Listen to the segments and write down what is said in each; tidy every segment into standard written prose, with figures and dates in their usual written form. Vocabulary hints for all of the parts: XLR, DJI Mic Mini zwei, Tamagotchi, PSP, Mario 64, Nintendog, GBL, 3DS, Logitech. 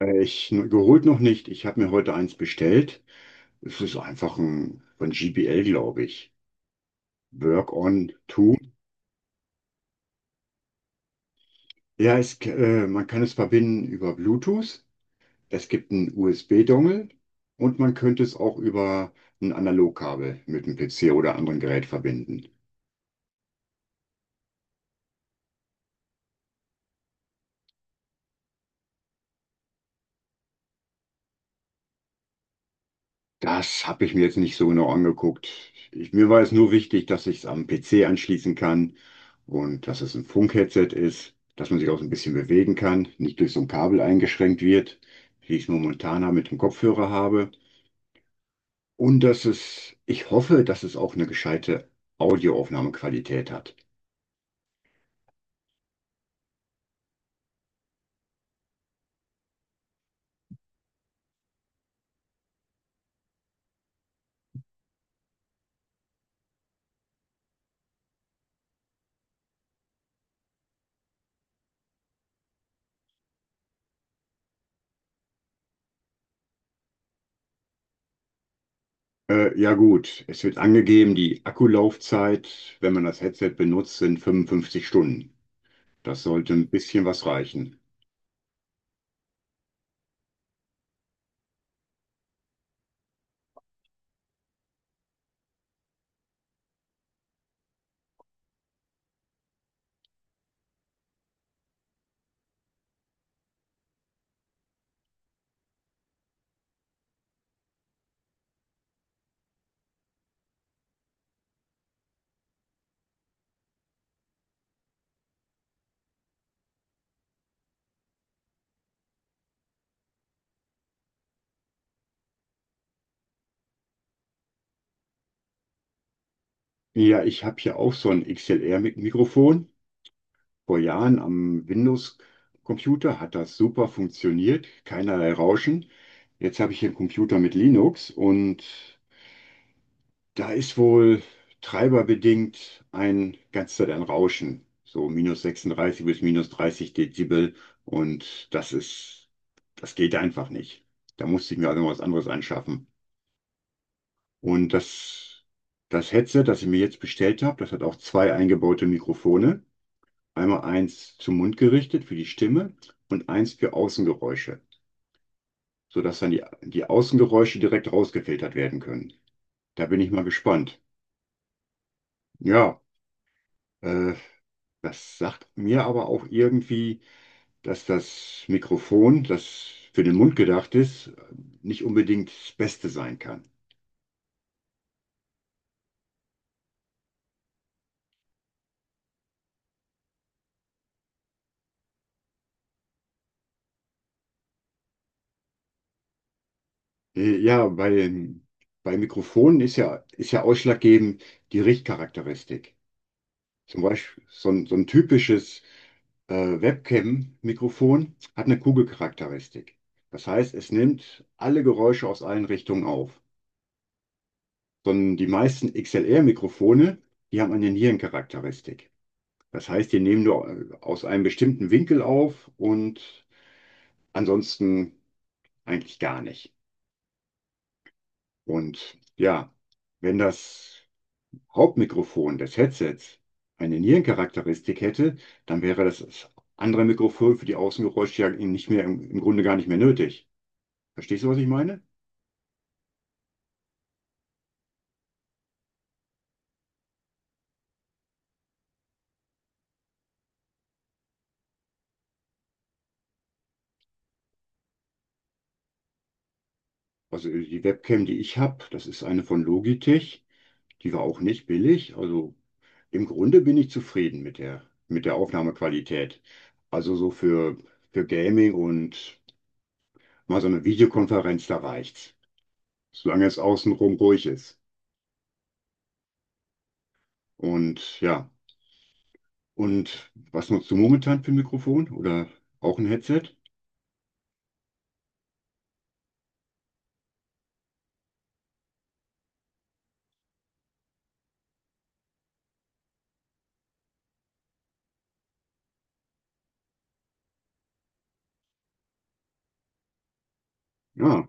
Ich geholt noch nicht. Ich habe mir heute eins bestellt. Es ist einfach ein von GBL, glaube ich. Work on 2. Ja, man kann es verbinden über Bluetooth. Es gibt einen USB-Dongle und man könnte es auch über ein Analogkabel mit dem PC oder anderen Gerät verbinden. Das habe ich mir jetzt nicht so genau angeguckt. Mir war es nur wichtig, dass ich es am PC anschließen kann und dass es ein Funkheadset ist, dass man sich auch so ein bisschen bewegen kann, nicht durch so ein Kabel eingeschränkt wird, wie ich es momentan mit dem Kopfhörer habe. Ich hoffe, dass es auch eine gescheite Audioaufnahmequalität hat. Ja gut, es wird angegeben, die Akkulaufzeit, wenn man das Headset benutzt, sind 55 Stunden. Das sollte ein bisschen was reichen. Ja, ich habe hier auch so ein XLR-Mikrofon. Vor Jahren am Windows-Computer hat das super funktioniert, keinerlei Rauschen. Jetzt habe ich hier einen Computer mit Linux und da ist wohl treiberbedingt ein ganz Zeit ein Rauschen, so minus 36 bis minus 30 Dezibel und das ist, das geht einfach nicht. Da musste ich mir also was anderes anschaffen. Und das, Das Headset, das ich mir jetzt bestellt habe, das hat auch zwei eingebaute Mikrofone. Einmal eins zum Mund gerichtet für die Stimme und eins für Außengeräusche, sodass dann die Außengeräusche direkt rausgefiltert werden können. Da bin ich mal gespannt. Ja, äh, das sagt mir aber auch irgendwie, dass das Mikrofon, das für den Mund gedacht ist, nicht unbedingt das Beste sein kann. Ja, bei Mikrofonen ist ja ausschlaggebend die Richtcharakteristik. Zum Beispiel so ein typisches Webcam-Mikrofon hat eine Kugelcharakteristik. Das heißt, es nimmt alle Geräusche aus allen Richtungen auf. Sondern die meisten XLR-Mikrofone, die haben eine Nierencharakteristik. Das heißt, die nehmen nur aus einem bestimmten Winkel auf und ansonsten eigentlich gar nicht. Und ja, wenn das Hauptmikrofon des Headsets eine Nierencharakteristik hätte, dann wäre das andere Mikrofon für die Außengeräusche ja nicht mehr, im Grunde gar nicht mehr nötig. Verstehst du, was ich meine? Also die Webcam, die ich habe, das ist eine von Logitech. Die war auch nicht billig. Also im Grunde bin ich zufrieden mit der Aufnahmequalität. Also für Gaming und mal so eine Videokonferenz, da reicht's. Solange es außenrum ruhig ist. Und ja, und was nutzt du momentan für ein Mikrofon? Oder auch ein Headset? Ja,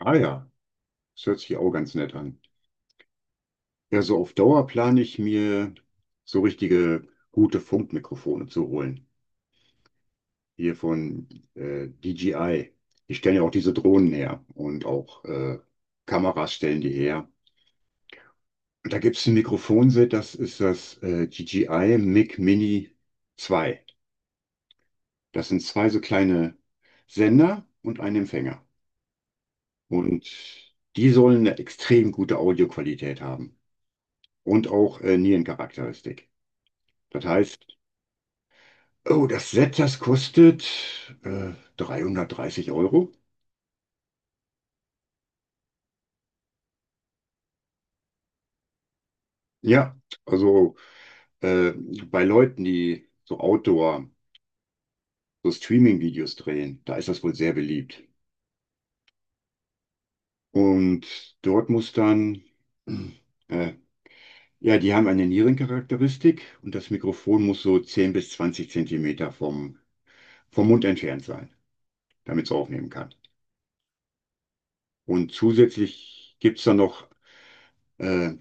ah ja, das hört sich auch ganz nett an. Ja, so auf Dauer plane ich mir so richtige gute Funkmikrofone zu holen. Hier von DJI. Die stellen ja auch diese Drohnen her und auch Kameras stellen die her. Und da gibt es ein Mikrofonset, das ist das DJI Mic Mini 2. Das sind zwei so kleine Sender und ein Empfänger. Und die sollen eine extrem gute Audioqualität haben und auch Nierencharakteristik. Das heißt, Oh, das Set, das kostet äh, 330 Euro. Ja, also äh, bei Leuten, die so Outdoor, so Streaming-Videos drehen, da ist das wohl sehr beliebt. Und dort muss dann, äh, ja, die haben eine Nierencharakteristik und das Mikrofon muss so 10 bis 20 Zentimeter vom Mund entfernt sein, damit es aufnehmen kann. Und zusätzlich gibt es dann noch äh,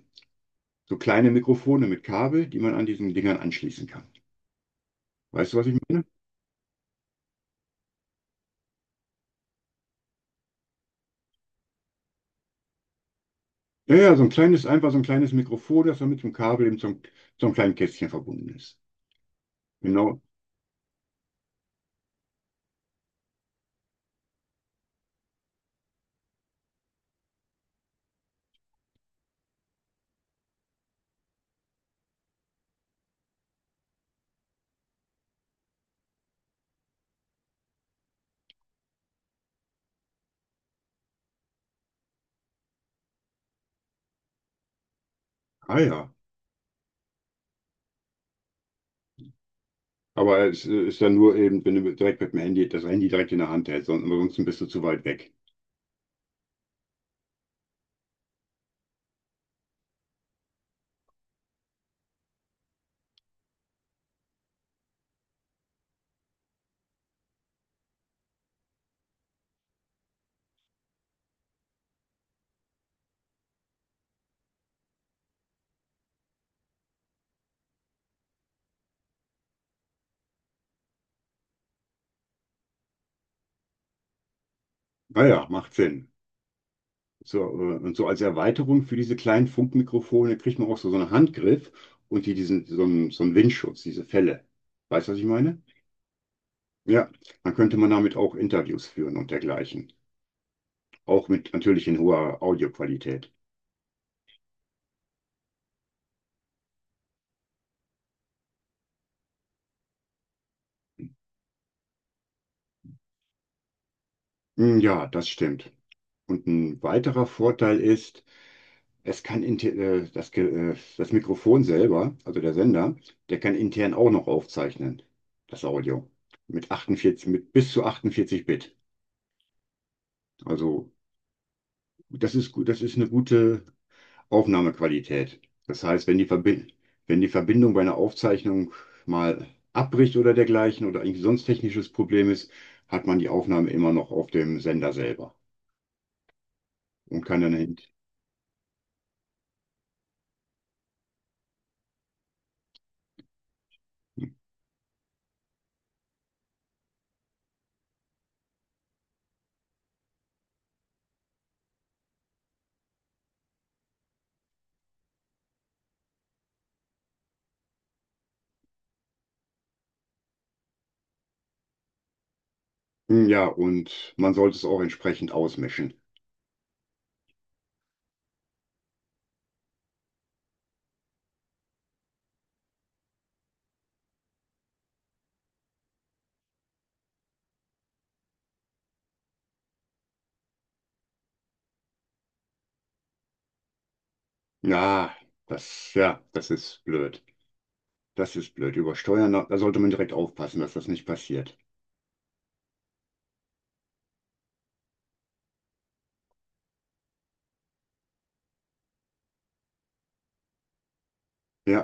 so kleine Mikrofone mit Kabel, die man an diesen Dingern anschließen kann. Weißt du, was ich meine? Ja, ja, so ein kleines, einfach so ein kleines Mikrofon, das dann mit dem Kabel eben zum kleinen Kästchen verbunden ist. Genau. Ah ja. Aber es ist dann nur eben, wenn du direkt mit dem Handy, das Handy direkt in der Hand hältst, ansonsten bist du zu weit weg. Ah ja, macht Sinn. So, und so als Erweiterung für diese kleinen Funkmikrofone kriegt man auch so einen Handgriff und so einen Windschutz, diese Fälle. Weißt du, was ich meine? Ja, dann könnte man damit auch Interviews führen und dergleichen. Auch mit natürlich in hoher Audioqualität. Hm, ja, das stimmt. Und ein weiterer Vorteil ist, es kann inte- das, Ge- das Mikrofon selber, also der Sender, der kann intern auch noch aufzeichnen, das Audio. Mit bis zu 48 Bit. Also das ist gut, das ist eine gute Aufnahmequalität. Das heißt, wenn die Verbindung bei einer Aufzeichnung mal abbricht oder dergleichen oder irgendwie sonst technisches Problem ist, hat man die Aufnahme immer noch auf dem Sender selber und kann dann hin. Hm, ja, und man sollte es auch entsprechend ausmischen. Ja, Das ist blöd. Das ist blöd. Über Steuern, da sollte man direkt aufpassen, dass das nicht passiert. Ja.